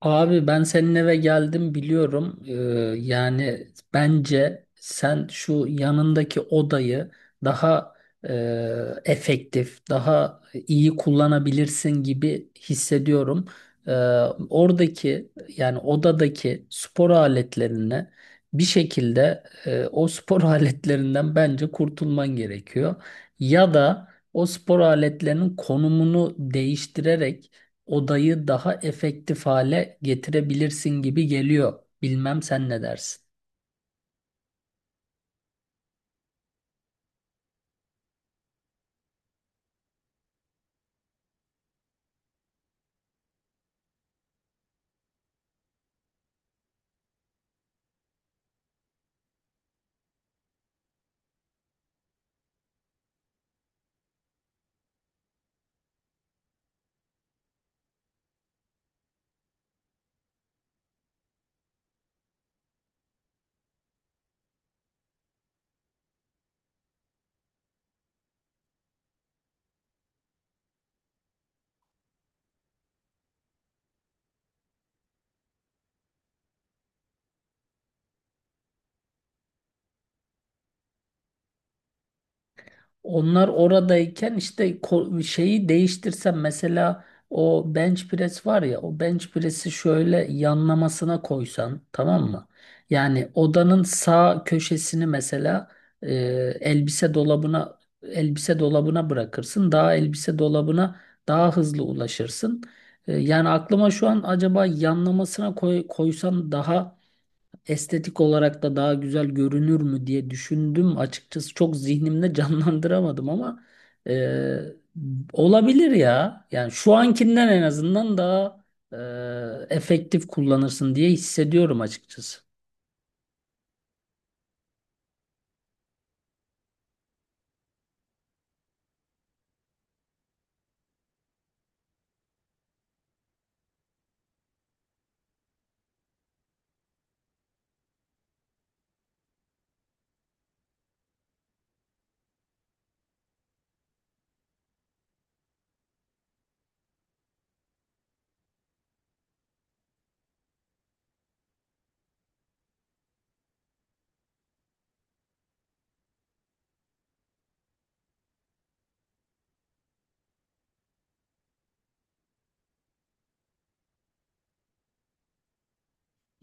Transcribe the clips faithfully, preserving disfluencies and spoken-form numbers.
Abi ben senin eve geldim biliyorum. Ee, yani bence sen şu yanındaki odayı daha e, efektif, daha iyi kullanabilirsin gibi hissediyorum. Ee, oradaki yani odadaki spor aletlerini bir şekilde e, o spor aletlerinden bence kurtulman gerekiyor. Ya da o spor aletlerinin konumunu değiştirerek odayı daha efektif hale getirebilirsin gibi geliyor. Bilmem sen ne dersin. Onlar oradayken işte ko- şeyi değiştirsem mesela o bench press var ya o bench press'i şöyle yanlamasına koysan tamam mı? Yani odanın sağ köşesini mesela e, elbise dolabına elbise dolabına bırakırsın. Daha elbise dolabına daha hızlı ulaşırsın. E, yani aklıma şu an acaba yanlamasına koy, koysan daha estetik olarak da daha güzel görünür mü diye düşündüm. Açıkçası çok zihnimde canlandıramadım ama e, olabilir ya. Yani şu ankinden en azından daha e, efektif kullanırsın diye hissediyorum açıkçası.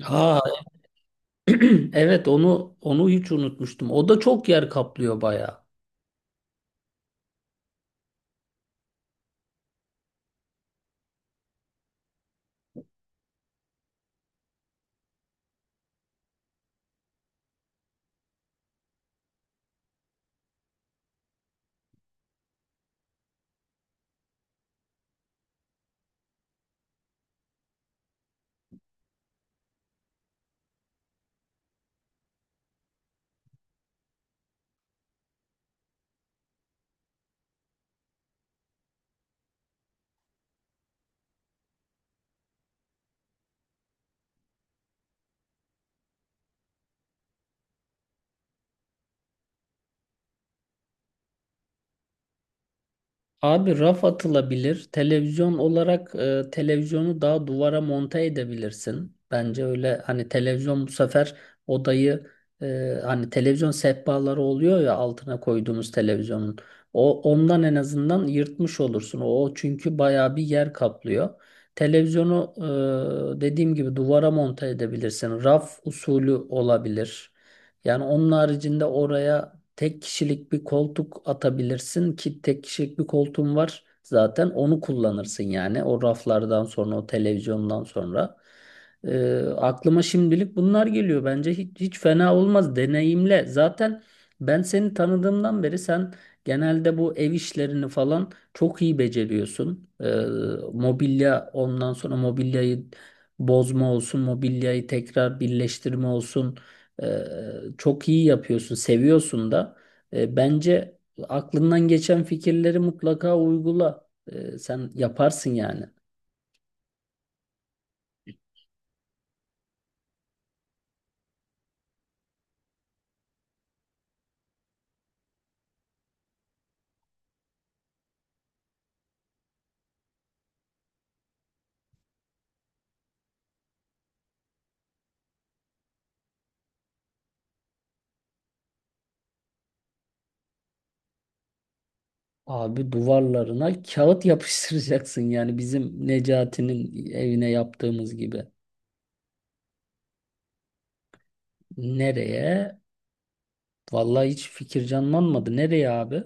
Ha, evet onu onu hiç unutmuştum. O da çok yer kaplıyor bayağı. Abi raf atılabilir. Televizyon olarak e, televizyonu daha duvara monte edebilirsin. Bence öyle hani televizyon bu sefer odayı e, hani televizyon sehpaları oluyor ya altına koyduğumuz televizyonun. O ondan en azından yırtmış olursun. O çünkü bayağı bir yer kaplıyor. Televizyonu e, dediğim gibi duvara monte edebilirsin. Raf usulü olabilir. Yani onun haricinde oraya tek kişilik bir koltuk atabilirsin ki tek kişilik bir koltuğum var. Zaten onu kullanırsın yani. O raflardan sonra, o televizyondan sonra. Ee, aklıma şimdilik bunlar geliyor. Bence hiç, hiç fena olmaz. Deneyimle. Zaten ben seni tanıdığımdan beri sen genelde bu ev işlerini falan çok iyi beceriyorsun. Ee, mobilya ondan sonra mobilyayı bozma olsun, mobilyayı tekrar birleştirme olsun. Ee, çok iyi yapıyorsun, seviyorsun da. Ee, bence aklından geçen fikirleri mutlaka uygula. Ee, sen yaparsın yani. Abi duvarlarına kağıt yapıştıracaksın yani bizim Necati'nin evine yaptığımız gibi. Nereye? Vallahi hiç fikir canlanmadı. Nereye abi?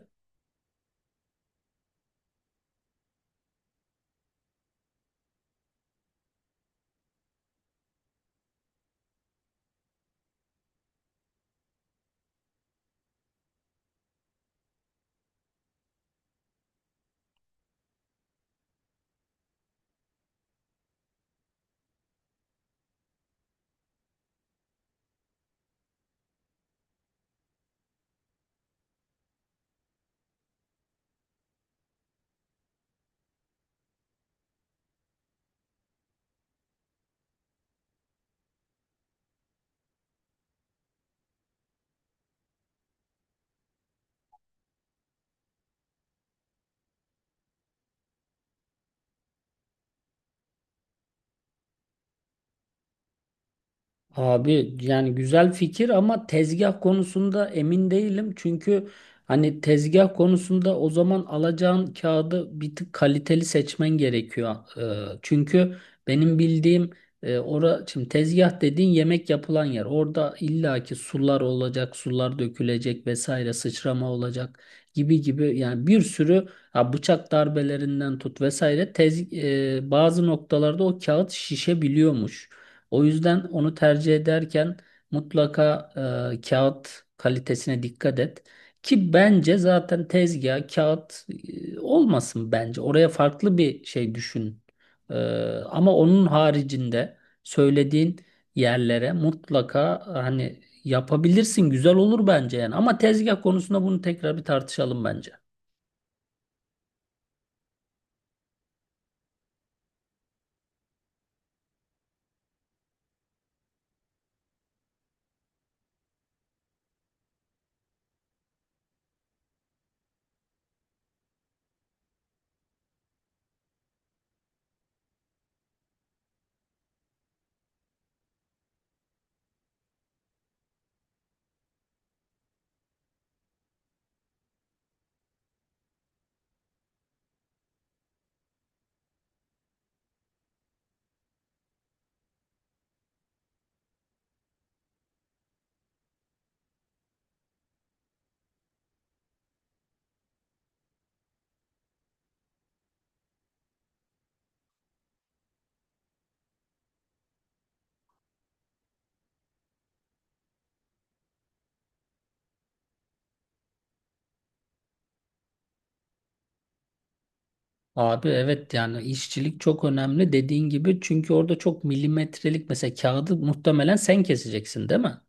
Abi yani güzel fikir ama tezgah konusunda emin değilim. Çünkü hani tezgah konusunda o zaman alacağın kağıdı bir tık kaliteli seçmen gerekiyor. Ee, çünkü benim bildiğim e, ora şimdi tezgah dediğin yemek yapılan yer. Orada illaki sular olacak, sular dökülecek vesaire, sıçrama olacak gibi gibi yani bir sürü ha, bıçak darbelerinden tut vesaire tez, e, bazı noktalarda o kağıt şişebiliyormuş. O yüzden onu tercih ederken mutlaka e, kağıt kalitesine dikkat et. Ki bence zaten tezgah kağıt e, olmasın bence. Oraya farklı bir şey düşün. E, ama onun haricinde söylediğin yerlere mutlaka e, hani yapabilirsin. Güzel olur bence yani. Ama tezgah konusunda bunu tekrar bir tartışalım bence. Abi evet yani işçilik çok önemli dediğin gibi çünkü orada çok milimetrelik mesela kağıdı muhtemelen sen keseceksin değil mi?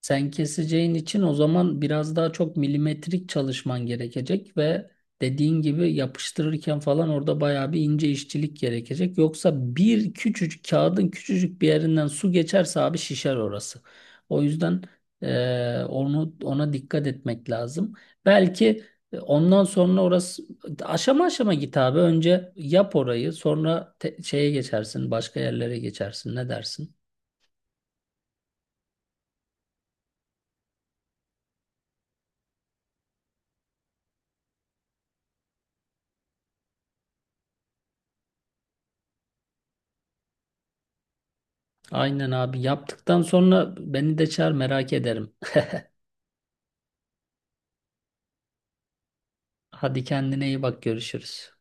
Sen keseceğin için o zaman biraz daha çok milimetrik çalışman gerekecek ve dediğin gibi yapıştırırken falan orada bayağı bir ince işçilik gerekecek. Yoksa bir küçücük kağıdın küçücük bir yerinden su geçerse abi şişer orası. O yüzden eee, onu ona dikkat etmek lazım. Belki e, ondan sonra orası aşama aşama git abi. Önce yap orayı, sonra te- şeye geçersin, başka yerlere geçersin. Ne dersin? Aynen abi yaptıktan sonra beni de çağır merak ederim. Hadi kendine iyi bak görüşürüz.